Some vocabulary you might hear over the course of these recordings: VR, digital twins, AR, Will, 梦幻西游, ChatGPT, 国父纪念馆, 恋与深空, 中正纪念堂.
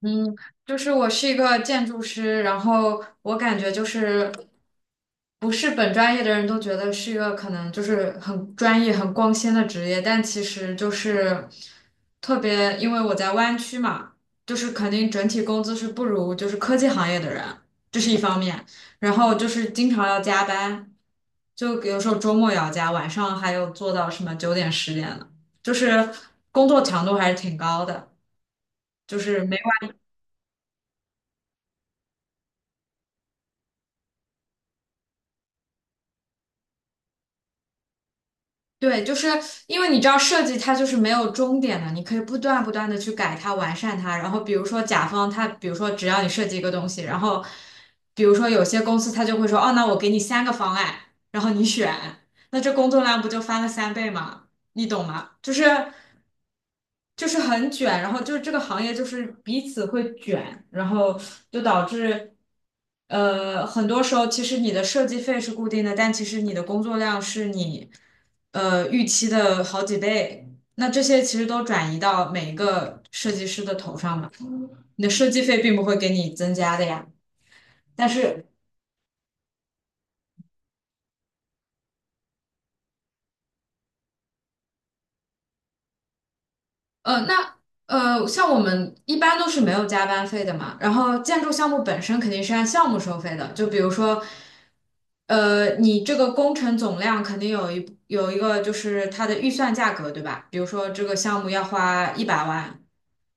嗯，就是我是一个建筑师，然后我感觉就是不是本专业的人都觉得是一个可能就是很专业、很光鲜的职业，但其实就是特别，因为我在湾区嘛，就是肯定整体工资是不如就是科技行业的人，这是一方面，然后就是经常要加班，就有时候周末也要加，晚上还有做到什么9点、10点的，就是工作强度还是挺高的。就是。对，就是因为你知道设计它就是没有终点的，你可以不断不断的去改它、完善它。然后比如说甲方他，比如说只要你设计一个东西，然后比如说有些公司他就会说，哦，那我给你三个方案，然后你选，那这工作量不就翻了3倍吗？你懂吗？就是。就是很卷，然后就是这个行业就是彼此会卷，然后就导致，很多时候其实你的设计费是固定的，但其实你的工作量是你预期的好几倍。那这些其实都转移到每一个设计师的头上嘛，你的设计费并不会给你增加的呀。但是呃，那像我们一般都是没有加班费的嘛，然后建筑项目本身肯定是按项目收费的，就比如说，你这个工程总量肯定有一个就是它的预算价格，对吧？比如说这个项目要花100万，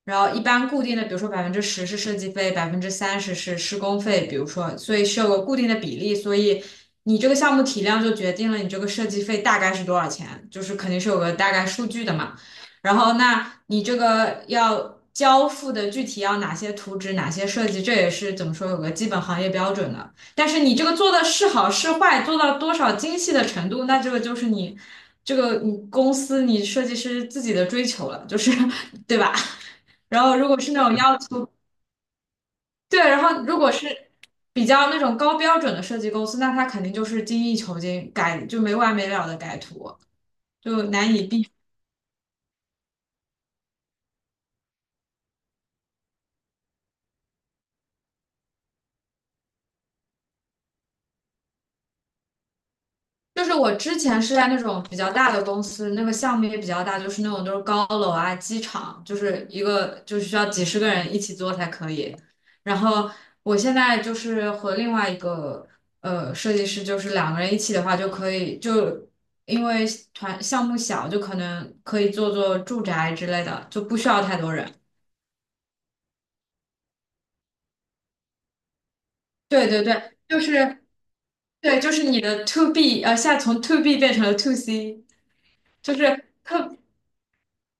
然后一般固定的，比如说10%是设计费，百分之三十是施工费，比如说，所以是有个固定的比例，所以你这个项目体量就决定了你这个设计费大概是多少钱，就是肯定是有个大概数据的嘛。然后，那你这个要交付的具体要哪些图纸、哪些设计，这也是怎么说有个基本行业标准的。但是你这个做的是好是坏，做到多少精细的程度，那这个就是你这个你公司你设计师自己的追求了，就是 对吧？然后如果是那种要求，对，然后如果是比较那种高标准的设计公司，那他肯定就是精益求精，改就没完没了的改图，就难以避就是我之前是在那种比较大的公司，那个项目也比较大，就是那种都是高楼啊、机场，就是一个就是需要几十个人一起做才可以。然后我现在就是和另外一个设计师，就是两个人一起的话就可以，就因为团项目小，就可能可以做做住宅之类的，就不需要太多人。对对对，就是对，就是你的 to B，现在从 to B 变成了 to C。就是特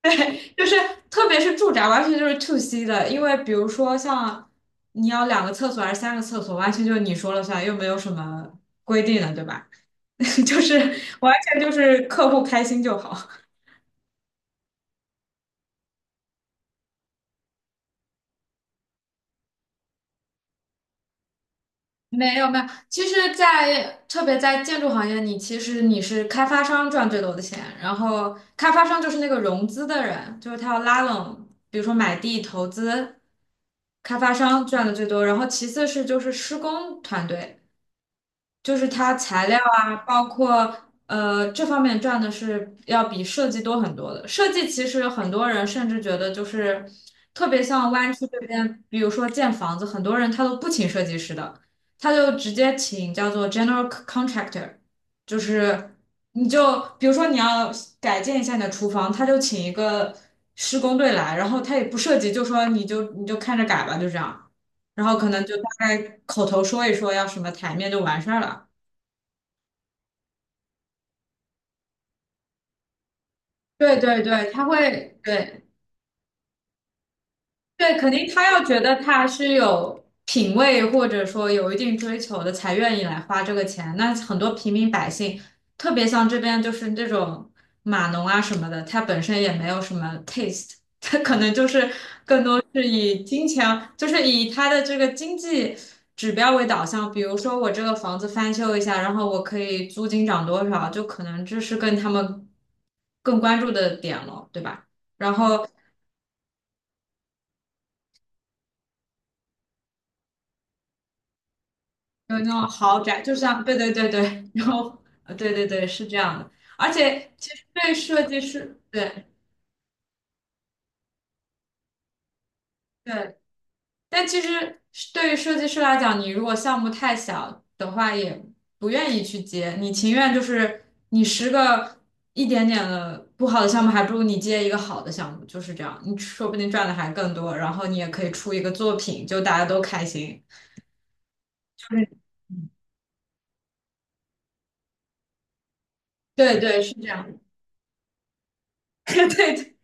对，就是特别是住宅，完全就是 to C 的，因为比如说像你要两个厕所还是三个厕所，完全就是你说了算，又没有什么规定的，对吧？就是完全就是客户开心就好。没有没有，其实在，特别在建筑行业，你其实你是开发商赚最多的钱，然后开发商就是那个融资的人，就是他要拉拢，比如说买地投资，开发商赚的最多，然后其次是就是施工团队。就是它材料啊，包括这方面赚的是要比设计多很多的。设计其实很多人甚至觉得就是特别像湾区这边，比如说建房子，很多人他都不请设计师的，他就直接请叫做 general contractor，就是你就比如说你要改建一下你的厨房，他就请一个施工队来，然后他也不设计，就说你就看着改吧，就这样。然后可能就大概口头说一说要什么台面就完事儿了。对对对，他会，对对，肯定他要觉得他是有品位或者说有一定追求的，才愿意来花这个钱。那很多平民百姓，特别像这边就是这种码农啊什么的，他本身也没有什么 taste，他可能就是都是以金钱，就是以他的这个经济指标为导向。比如说我这个房子翻修一下，然后我可以租金涨多少，就可能这是跟他们更关注的点了，对吧？然后有那种豪宅，就像对对对对，然后对对对是这样的，而且其实对于设计师，对对，但其实是对于设计师来讲，你如果项目太小的话，也不愿意去接，你情愿就是你十个一点点的不好的项目，还不如你接一个好的项目，就是这样，你说不定赚的还更多，然后你也可以出一个作品，就大家都开心，就是嗯对对是这样，对对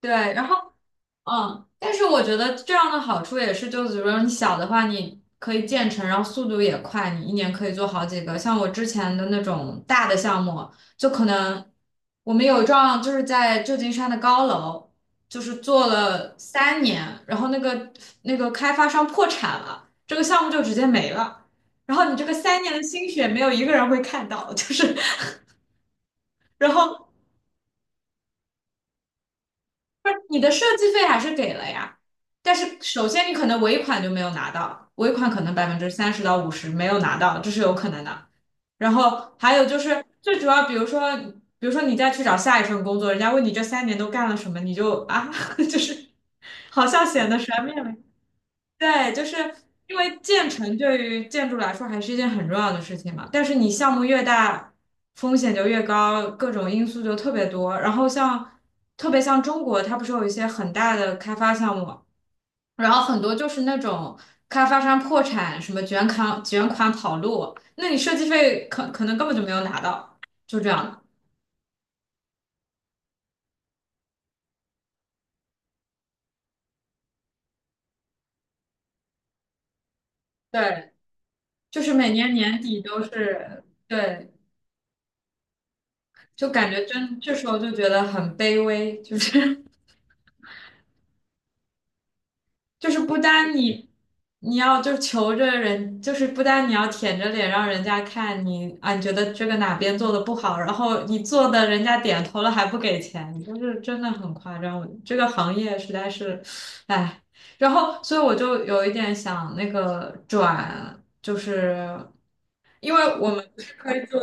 对，然后。嗯，但是我觉得这样的好处也是，就是比如说你小的话，你可以建成，然后速度也快，你一年可以做好几个。像我之前的那种大的项目，就可能我们有一幢就是在旧金山的高楼，就是做了三年，然后那个开发商破产了，这个项目就直接没了。然后你这个三年的心血，没有一个人会看到，就是 然后不是你的设计费还是给了呀，但是首先你可能尾款就没有拿到，尾款可能30%到50%没有拿到，这是有可能的。然后还有就是最主要，比如说，比如说你再去找下一份工作，人家问你这三年都干了什么，你就啊，就是好像显得全面了。对，就是因为建成对于建筑来说还是一件很重要的事情嘛，但是你项目越大，风险就越高，各种因素就特别多。然后像特别像中国，它不是有一些很大的开发项目，然后很多就是那种开发商破产，什么卷款跑路，那你设计费可能根本就没有拿到，就这样的。对，就是每年年底都是，对，就感觉真这时候就觉得很卑微，就是。就是不单你你要就求着人，就是不单你要舔着脸让人家看你啊，你觉得这个哪边做的不好，然后你做的人家点头了还不给钱，就是真的很夸张。我这个行业实在是，唉。然后，所以我就有一点想那个转，就是因为我们不是可以做，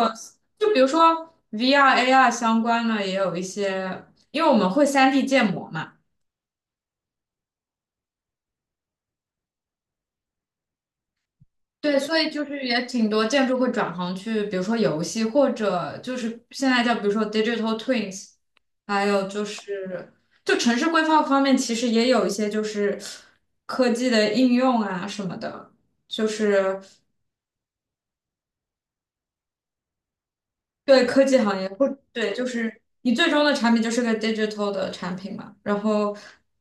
就比如说 VR、AR 相关的，也有一些，因为我们会三 d 建模嘛。对，所以就是也挺多建筑会转行去，比如说游戏，或者就是现在叫比如说 digital twins，还有就是就城市规划方面，其实也有一些就是科技的应用啊什么的，就是对科技行业或对，就是你最终的产品就是个 digital 的产品嘛。然后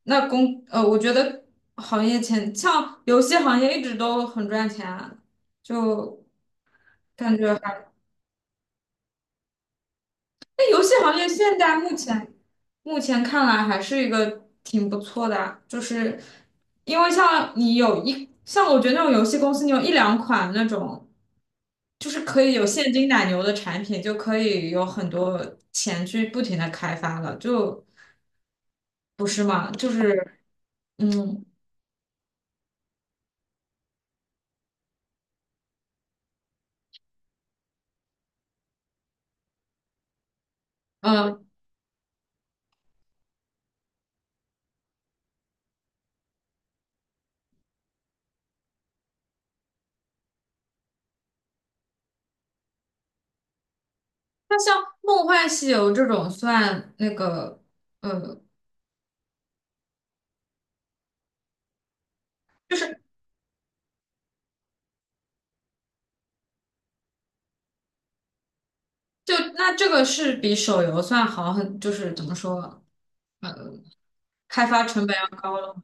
我觉得行业前像游戏行业一直都很赚钱啊，就感觉。还。游戏行业现在目前看来还是一个挺不错的啊，就是因为像你有一像我觉得那种游戏公司，你有一两款那种就是可以有现金奶牛的产品，就可以有很多钱去不停的开发了，就不是吗？就是嗯呃，那像《梦幻西游》这种算那个呃，就是就那这个是比手游算好很，就是怎么说？呃，开发成本要高了。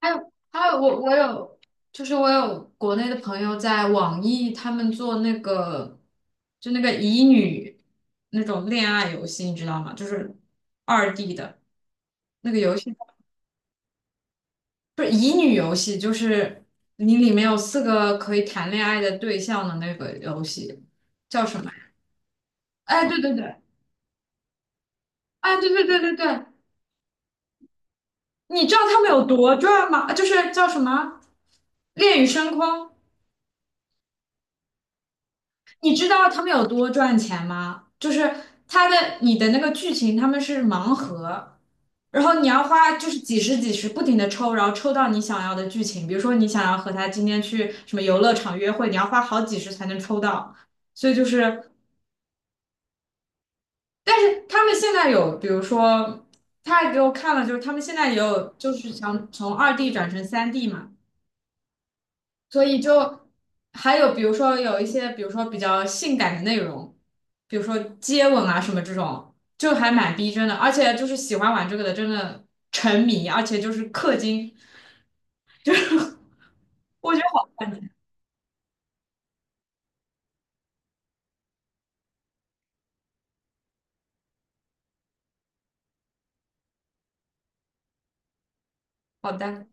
还有还有，我有，就是我有国内的朋友在网易，他们做那个就那个乙女那种恋爱游戏，你知道吗？就是二 D 的那个游戏，不是乙女游戏，就是你里面有四个可以谈恋爱的对象的那个游戏，叫什么呀？哎，对对对，哎，对对对对对，你知道他们有多赚吗？就是叫什么《恋与深空》。你知道他们有多赚钱吗？就是他的你的那个剧情，他们是盲盒，然后你要花就是几十几十不停的抽，然后抽到你想要的剧情。比如说你想要和他今天去什么游乐场约会，你要花好几十才能抽到。所以就是，但是他们现在有，比如说他还给我看了，就是他们现在也有，就是想从二 D 转成3D 嘛。所以就还有比如说有一些，比如说比较性感的内容，比如说接吻啊什么这种，就还蛮逼真的。而且就是喜欢玩这个的，真的沉迷，而且就是氪金，我觉得好好单。